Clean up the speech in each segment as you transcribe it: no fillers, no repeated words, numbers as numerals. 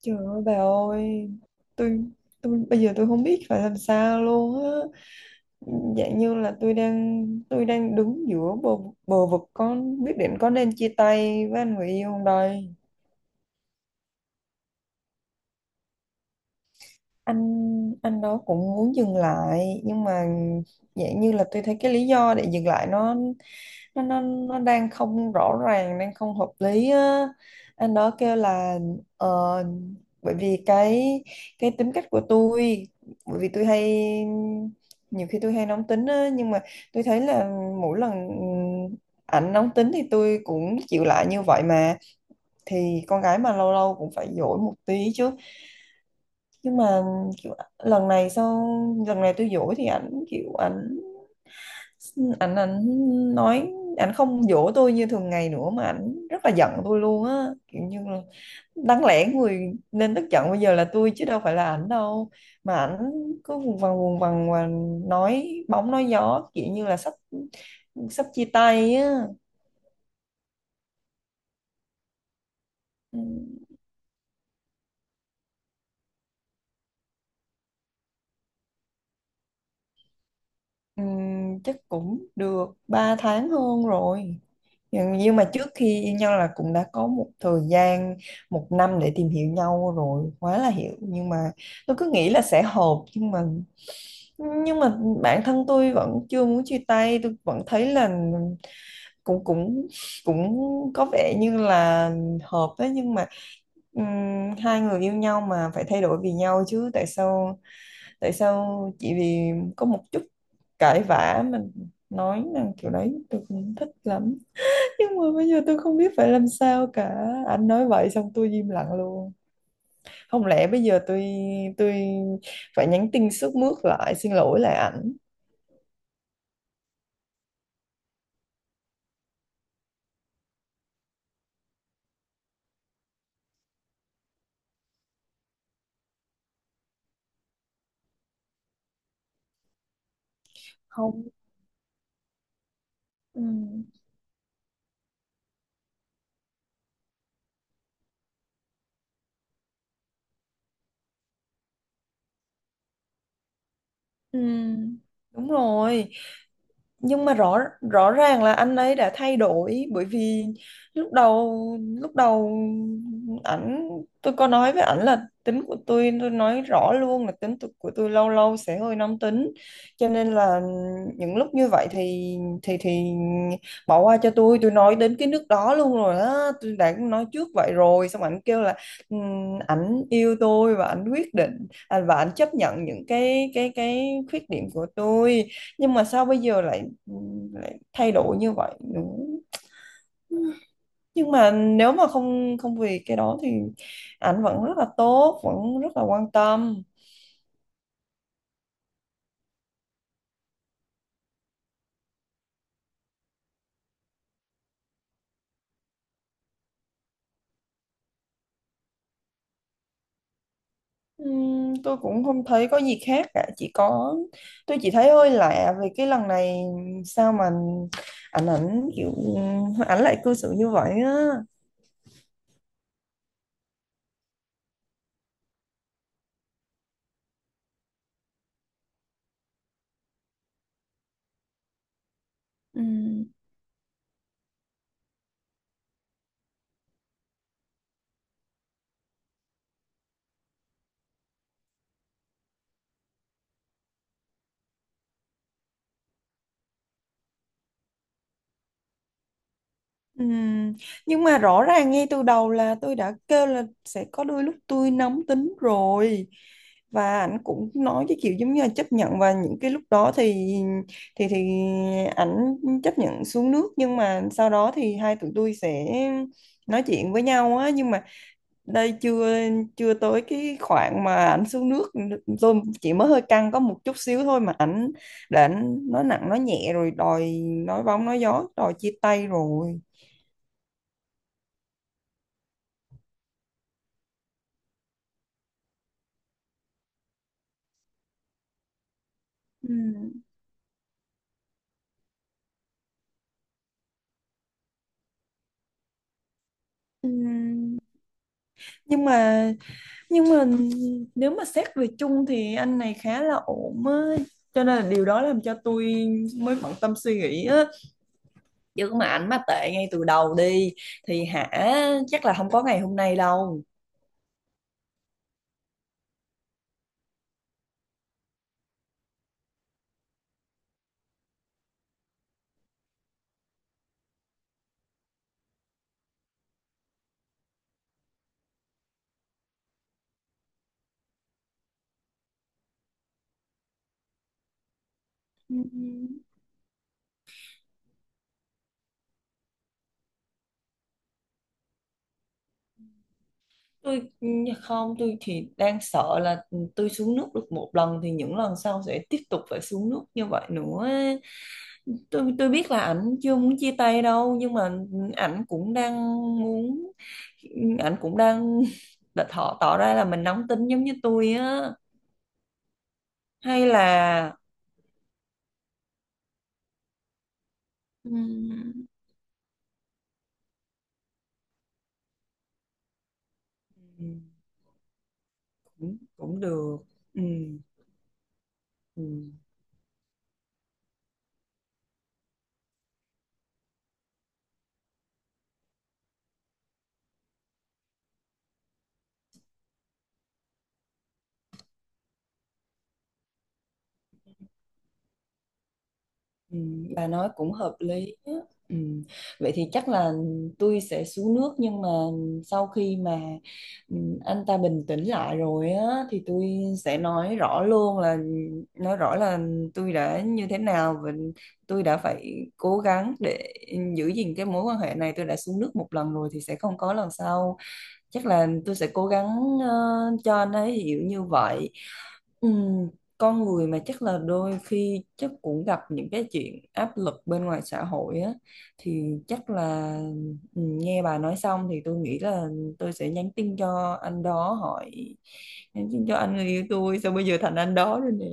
Trời ơi bà ơi! Tôi tôi bây giờ tôi không biết phải làm sao luôn á. Dạng như là tôi đang đứng giữa bờ bờ vực, có biết định có nên chia tay với anh người yêu không đây. Anh đó cũng muốn dừng lại nhưng mà dạng như là tôi thấy cái lý do để dừng lại nó nó đang không rõ ràng, đang không hợp lý á. Anh đó kêu là ờ, bởi vì cái tính cách của tôi, bởi vì tôi hay, nhiều khi tôi hay nóng tính á, nhưng mà tôi thấy là mỗi lần ảnh nóng tính thì tôi cũng chịu lại như vậy mà. Thì con gái mà lâu lâu cũng phải dỗi một tí chứ. Nhưng mà kiểu, lần này sau, lần này tôi dỗ thì ảnh nói, ảnh không dỗ tôi như thường ngày nữa mà ảnh rất là giận tôi luôn á, kiểu như là đáng lẽ người nên tức giận bây giờ là tôi chứ đâu phải là ảnh đâu. Mà ảnh cứ vùng vằng và nói bóng nói gió kiểu như là sắp sắp chia tay á. Ừ. Chắc cũng được 3 tháng hơn rồi, nhưng mà trước khi yêu nhau là cũng đã có một thời gian một năm để tìm hiểu nhau rồi, quá là hiểu. Nhưng mà tôi cứ nghĩ là sẽ hợp, nhưng mà bản thân tôi vẫn chưa muốn chia tay. Tôi vẫn thấy là cũng cũng cũng có vẻ như là hợp đấy, nhưng mà hai người yêu nhau mà phải thay đổi vì nhau chứ, tại sao, tại sao chỉ vì có một chút cãi vã mình nói rằng kiểu đấy, tôi không thích lắm. Nhưng mà bây giờ tôi không biết phải làm sao cả. Anh nói vậy xong tôi im lặng luôn. Không lẽ bây giờ tôi phải nhắn tin sướt mướt lại, xin lỗi lại ảnh không. Ừ. Ừ, đúng rồi, nhưng mà rõ rõ ràng là anh ấy đã thay đổi. Bởi vì lúc đầu lúc đầu ảnh tôi có nói với ảnh là tính của tôi nói rõ luôn là tính của tôi lâu lâu sẽ hơi nóng tính, cho nên là những lúc như vậy thì thì thì bỏ qua cho tôi. Tôi nói đến cái nước đó luôn rồi á, tôi đã nói trước vậy rồi, xong ảnh kêu là " ảnh yêu tôi và ảnh quyết định và ảnh chấp nhận những cái khuyết điểm của tôi, nhưng mà sao bây giờ lại, ừ, lại thay đổi như vậy, đúng. Nhưng mà nếu mà không không vì cái đó thì ảnh vẫn rất là tốt, vẫn rất là quan tâm. Tôi cũng không thấy có gì khác cả, chỉ có, tôi chỉ thấy hơi lạ vì cái lần này sao mà ảnh ảnh kiểu ảnh lại cư xử như vậy á. Ừm. Ừm, nhưng mà rõ ràng ngay từ đầu là tôi đã kêu là sẽ có đôi lúc tôi nóng tính rồi, và ảnh cũng nói cái kiểu giống như là chấp nhận, và những cái lúc đó thì thì thì ảnh chấp nhận xuống nước, nhưng mà sau đó thì hai tụi tôi sẽ nói chuyện với nhau á. Nhưng mà đây chưa chưa tới cái khoảng mà ảnh xuống nước. Tôi chỉ mới hơi căng có một chút xíu thôi mà ảnh đã nói nặng nói nhẹ rồi đòi, nói bóng nói gió đòi chia tay rồi. Ừ. Ừ. Nhưng mà nhưng mà nếu mà xét về chung thì anh này khá là ổn á, cho nên là điều đó làm cho tôi mới bận tâm suy nghĩ á. Chứ mà ảnh mà tệ ngay từ đầu đi thì hả, chắc là không có ngày hôm nay đâu. Ừ. Tôi, không, tôi thì đang sợ là tôi xuống nước được một lần thì những lần sau sẽ tiếp tục phải xuống nước như vậy nữa. Tôi biết là ảnh chưa muốn chia tay đâu, nhưng mà ảnh cũng đang muốn, ảnh cũng đang đã thọ tỏ ra là mình nóng tính giống như tôi á. Hay là ừm, cũng cũng được. Ừm, ừm. Ừ, bà nói cũng hợp lý á. Ừ. Vậy thì chắc là tôi sẽ xuống nước, nhưng mà sau khi mà ừ, anh ta bình tĩnh lại rồi á thì tôi sẽ nói rõ luôn là, nói rõ là tôi đã như thế nào, và tôi đã phải cố gắng để giữ gìn cái mối quan hệ này. Tôi đã xuống nước một lần rồi thì sẽ không có lần sau. Chắc là tôi sẽ cố gắng ờ, cho anh ấy hiểu như vậy. Ừ, con người mà chắc là đôi khi chắc cũng gặp những cái chuyện áp lực bên ngoài xã hội á, thì chắc là, ừ, nghe bà nói xong thì tôi nghĩ là tôi sẽ nhắn tin cho anh đó hỏi, nhắn tin cho anh người yêu tôi, sao bây giờ thành anh đó rồi nè,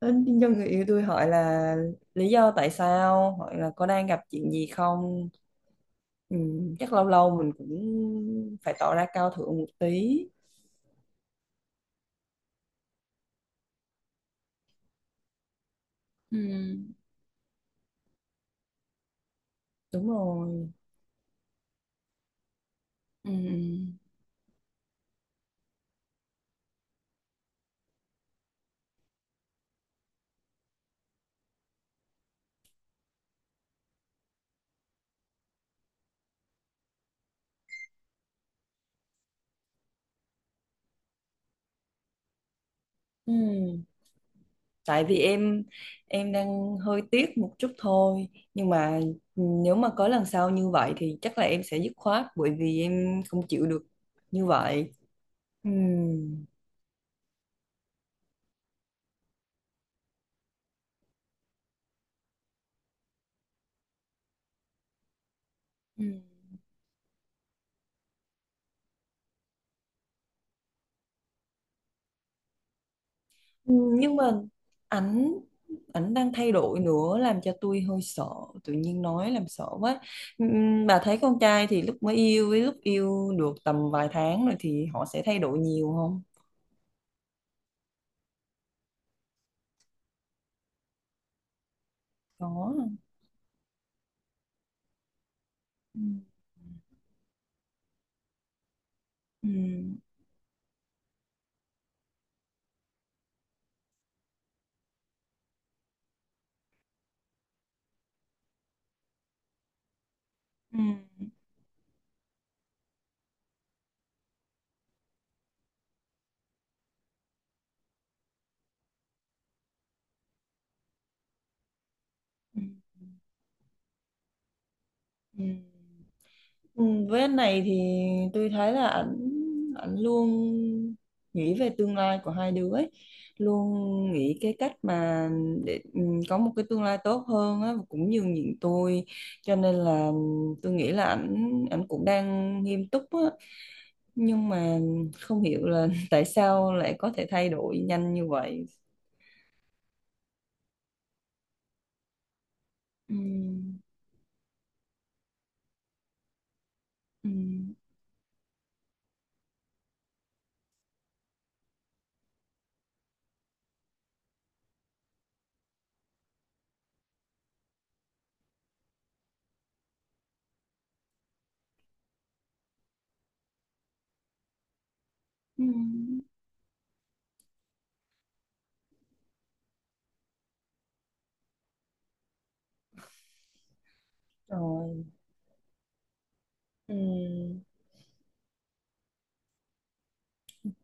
nhắn tin cho người yêu tôi hỏi là lý do tại sao, hỏi là có đang gặp chuyện gì không. Ừ, chắc lâu lâu mình cũng phải tỏ ra cao thượng một tí. Ừ, đúng rồi. Ừ. Ừ, tại vì em đang hơi tiếc một chút thôi, nhưng mà nếu mà có lần sau như vậy thì chắc là em sẽ dứt khoát, bởi vì em không chịu được như vậy. Ừ. Ừ. Ừ, nhưng mà ảnh ảnh đang thay đổi nữa làm cho tôi hơi sợ, tự nhiên nói làm sợ quá. Ừ, bà thấy con trai thì lúc mới yêu với lúc yêu được tầm vài tháng rồi thì họ sẽ thay đổi nhiều không? Có. Ừ. Ừ. Ừ. Ừ. Ừ. Ừ, với anh này thì tôi thấy là ảnh ảnh luôn nghĩ về tương lai của hai đứa ấy. Luôn nghĩ cái cách mà để, ừ, có một cái tương lai tốt hơn á, cũng nhường nhịn tôi, cho nên là tôi nghĩ là ảnh ảnh cũng đang nghiêm túc á. Nhưng mà không hiểu là tại sao lại có thể thay đổi nhanh như vậy. Ừ, ừ, ừ. Rồi. Ừ.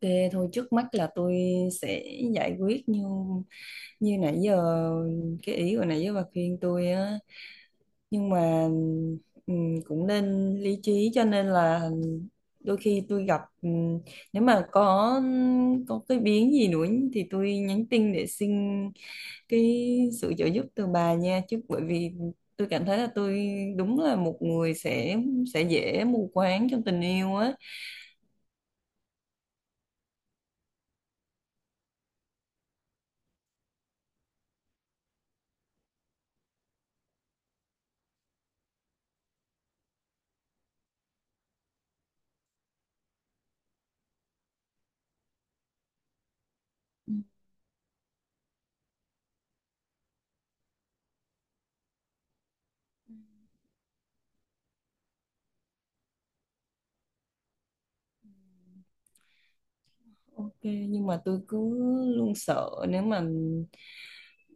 Thế thôi, trước mắt là tôi sẽ giải quyết như như nãy giờ, cái ý của nãy giờ bà khuyên tôi á. Nhưng mà cũng nên lý trí, cho nên là đôi khi tôi gặp, nếu mà có cái biến gì nữa thì tôi nhắn tin để xin cái sự trợ giúp từ bà nha. Chứ bởi vì tôi cảm thấy là tôi đúng là một người sẽ dễ mù quáng trong tình yêu á. Ừ, Ok, nhưng mà tôi cứ luôn sợ nếu mà,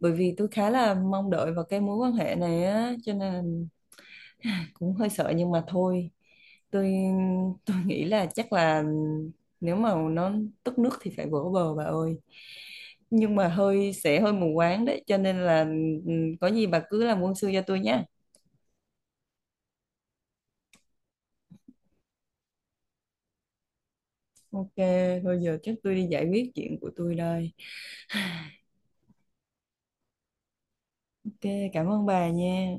bởi vì tôi khá là mong đợi vào cái mối quan hệ này á, cho nên cũng hơi sợ. Nhưng mà thôi, tôi tôi nghĩ là chắc là nếu mà nó tức nước thì phải vỗ bờ bà ơi. Nhưng mà hơi sẽ hơi mù quáng đấy, cho nên là, ừ, có gì bà cứ làm quân sư cho tôi nhé. Ok thôi giờ chắc tôi đi giải quyết chuyện của tôi đây. Ok cảm ơn bà nha.